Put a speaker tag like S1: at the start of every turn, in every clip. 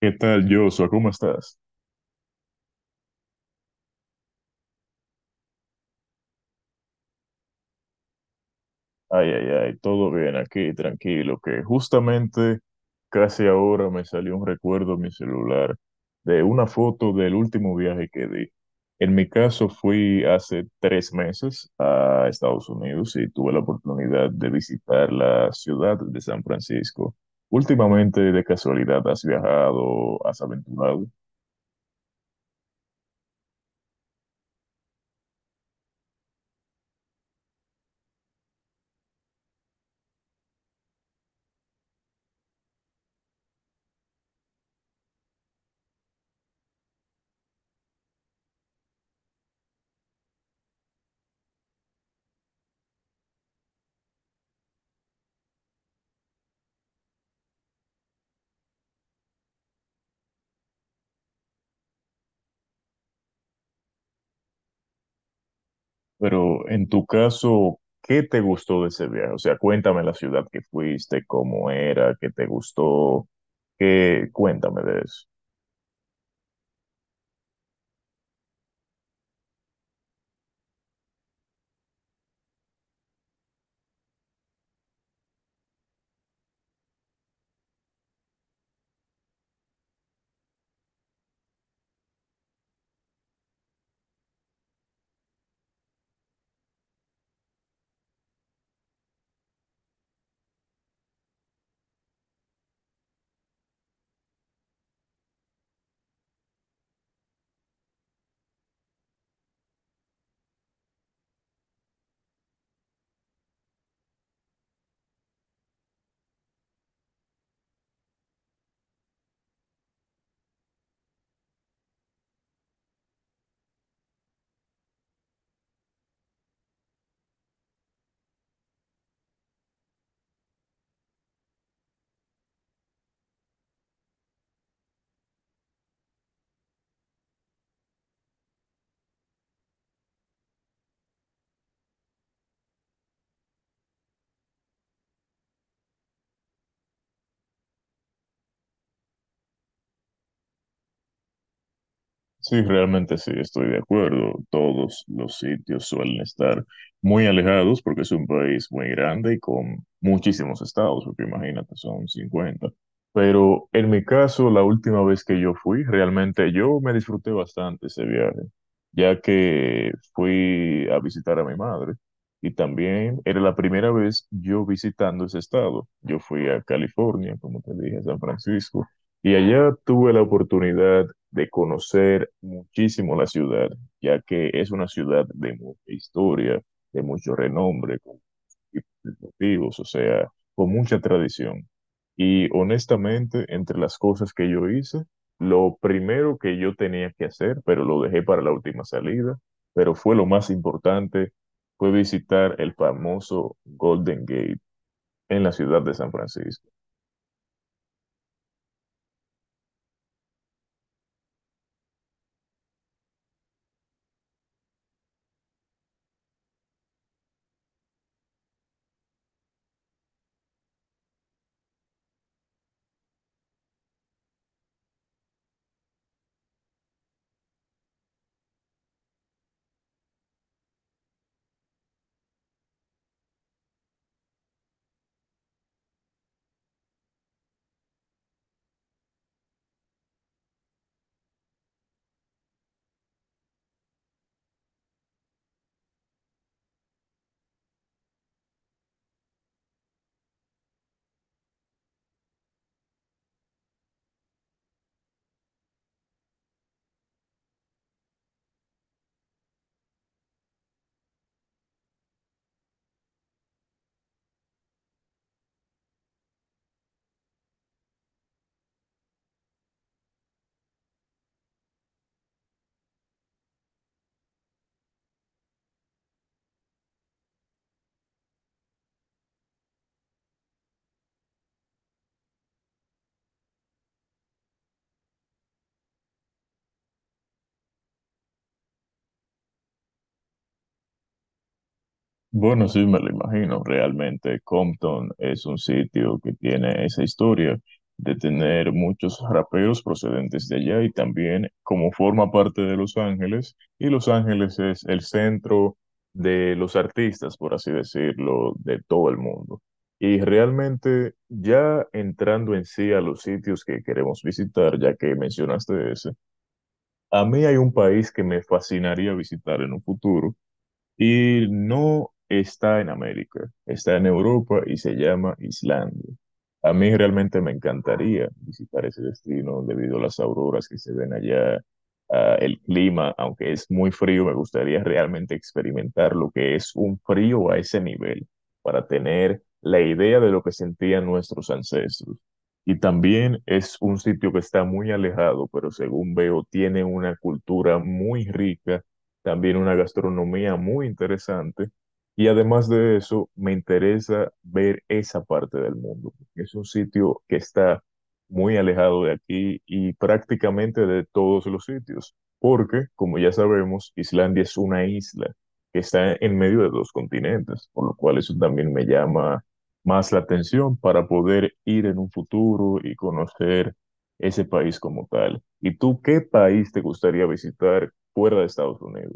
S1: ¿Qué tal, Joshua? ¿Cómo estás? Ay, ay, ay, todo bien aquí, tranquilo, que justamente casi ahora me salió un recuerdo en mi celular de una foto del último viaje que di. En mi caso fui hace 3 meses a Estados Unidos y tuve la oportunidad de visitar la ciudad de San Francisco. Últimamente, de casualidad, ¿has viajado, has aventurado? Pero en tu caso, ¿qué te gustó de ese viaje? O sea, cuéntame la ciudad que fuiste, cómo era, qué te gustó, qué, cuéntame de eso. Sí, realmente sí, estoy de acuerdo. Todos los sitios suelen estar muy alejados porque es un país muy grande y con muchísimos estados, porque imagínate, son 50. Pero en mi caso, la última vez que yo fui, realmente yo me disfruté bastante ese viaje, ya que fui a visitar a mi madre y también era la primera vez yo visitando ese estado. Yo fui a California, como te dije, a San Francisco. Y allá tuve la oportunidad de conocer muchísimo la ciudad, ya que es una ciudad de mucha historia, de mucho renombre, con múltiples motivos, o sea, con mucha tradición. Y honestamente, entre las cosas que yo hice, lo primero que yo tenía que hacer, pero lo dejé para la última salida, pero fue lo más importante, fue visitar el famoso Golden Gate en la ciudad de San Francisco. Bueno, sí, me lo imagino. Realmente Compton es un sitio que tiene esa historia de tener muchos raperos procedentes de allá y también como forma parte de Los Ángeles, y Los Ángeles es el centro de los artistas, por así decirlo, de todo el mundo. Y realmente ya entrando en sí a los sitios que queremos visitar, ya que mencionaste ese, a mí hay un país que me fascinaría visitar en un futuro y no está en América, está en Europa y se llama Islandia. A mí realmente me encantaría visitar ese destino debido a las auroras que se ven allá, a el clima, aunque es muy frío, me gustaría realmente experimentar lo que es un frío a ese nivel para tener la idea de lo que sentían nuestros ancestros. Y también es un sitio que está muy alejado, pero según veo, tiene una cultura muy rica también una gastronomía muy interesante. Y además de eso, me interesa ver esa parte del mundo, porque es un sitio que está muy alejado de aquí y prácticamente de todos los sitios, porque, como ya sabemos, Islandia es una isla que está en medio de dos continentes, por lo cual eso también me llama más la atención para poder ir en un futuro y conocer ese país como tal. ¿Y tú qué país te gustaría visitar fuera de Estados Unidos?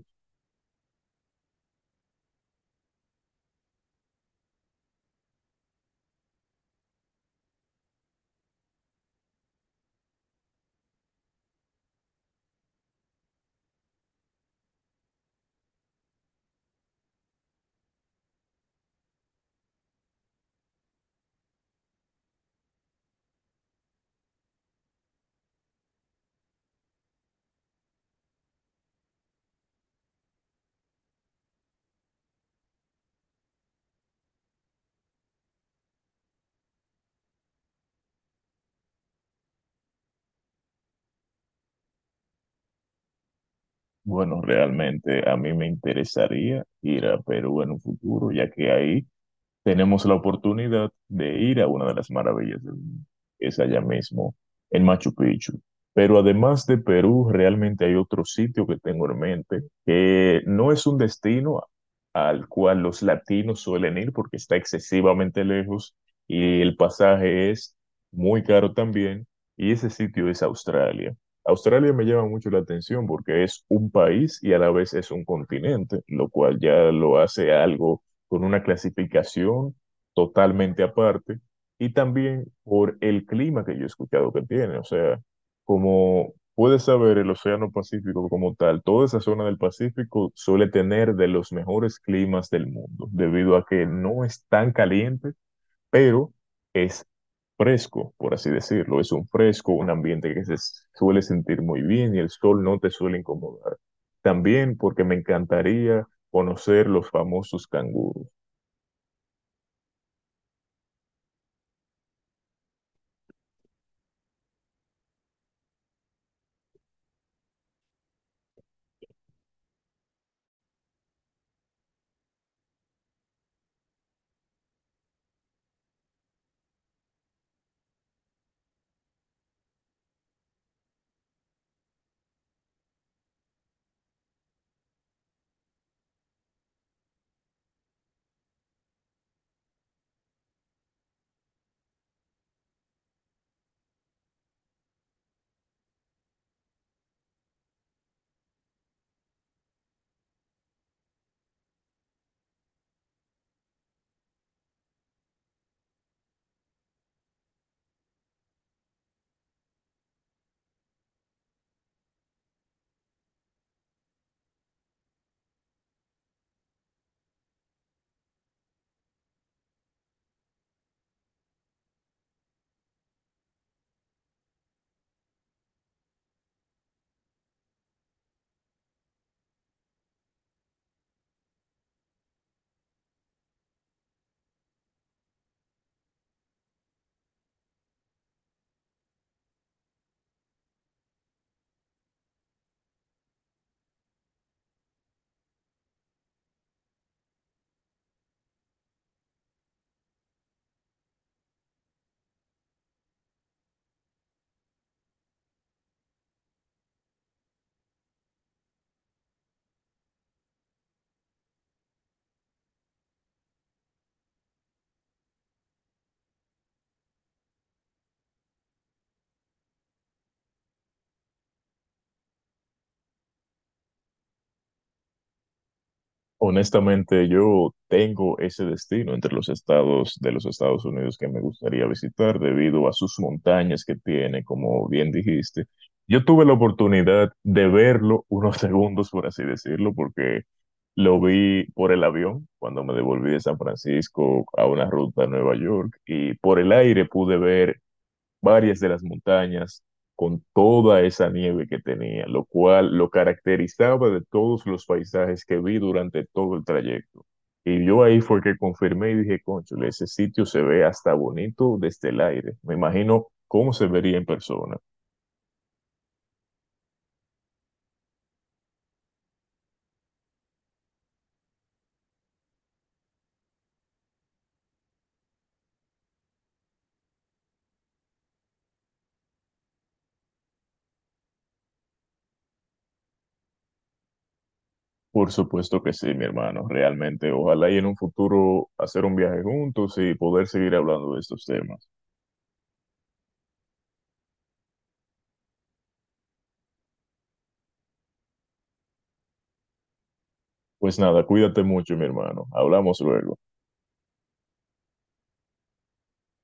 S1: Bueno, realmente a mí me interesaría ir a Perú en un futuro, ya que ahí tenemos la oportunidad de ir a una de las maravillas del mundo, que es allá mismo, en Machu Picchu. Pero además de Perú, realmente hay otro sitio que tengo en mente, que no es un destino al cual los latinos suelen ir porque está excesivamente lejos y el pasaje es muy caro también, y ese sitio es Australia. Australia me llama mucho la atención porque es un país y a la vez es un continente, lo cual ya lo hace algo con una clasificación totalmente aparte y también por el clima que yo he escuchado que tiene. O sea, como puedes saber, el Océano Pacífico como tal, toda esa zona del Pacífico suele tener de los mejores climas del mundo, debido a que no es tan caliente, pero es fresco, por así decirlo. Es un fresco, un ambiente que se suele sentir muy bien y el sol no te suele incomodar. También porque me encantaría conocer los famosos canguros. Honestamente, yo tengo ese destino entre los estados de los Estados Unidos que me gustaría visitar debido a sus montañas que tiene, como bien dijiste. Yo tuve la oportunidad de verlo unos segundos, por así decirlo, porque lo vi por el avión cuando me devolví de San Francisco a una ruta a Nueva York y por el aire pude ver varias de las montañas con toda esa nieve que tenía, lo cual lo caracterizaba de todos los paisajes que vi durante todo el trayecto. Y yo ahí fue que confirmé y dije, cónchale, ese sitio se ve hasta bonito desde el aire. Me imagino cómo se vería en persona. Por supuesto que sí, mi hermano, realmente. Ojalá y en un futuro hacer un viaje juntos y poder seguir hablando de estos temas. Pues nada, cuídate mucho, mi hermano. Hablamos luego.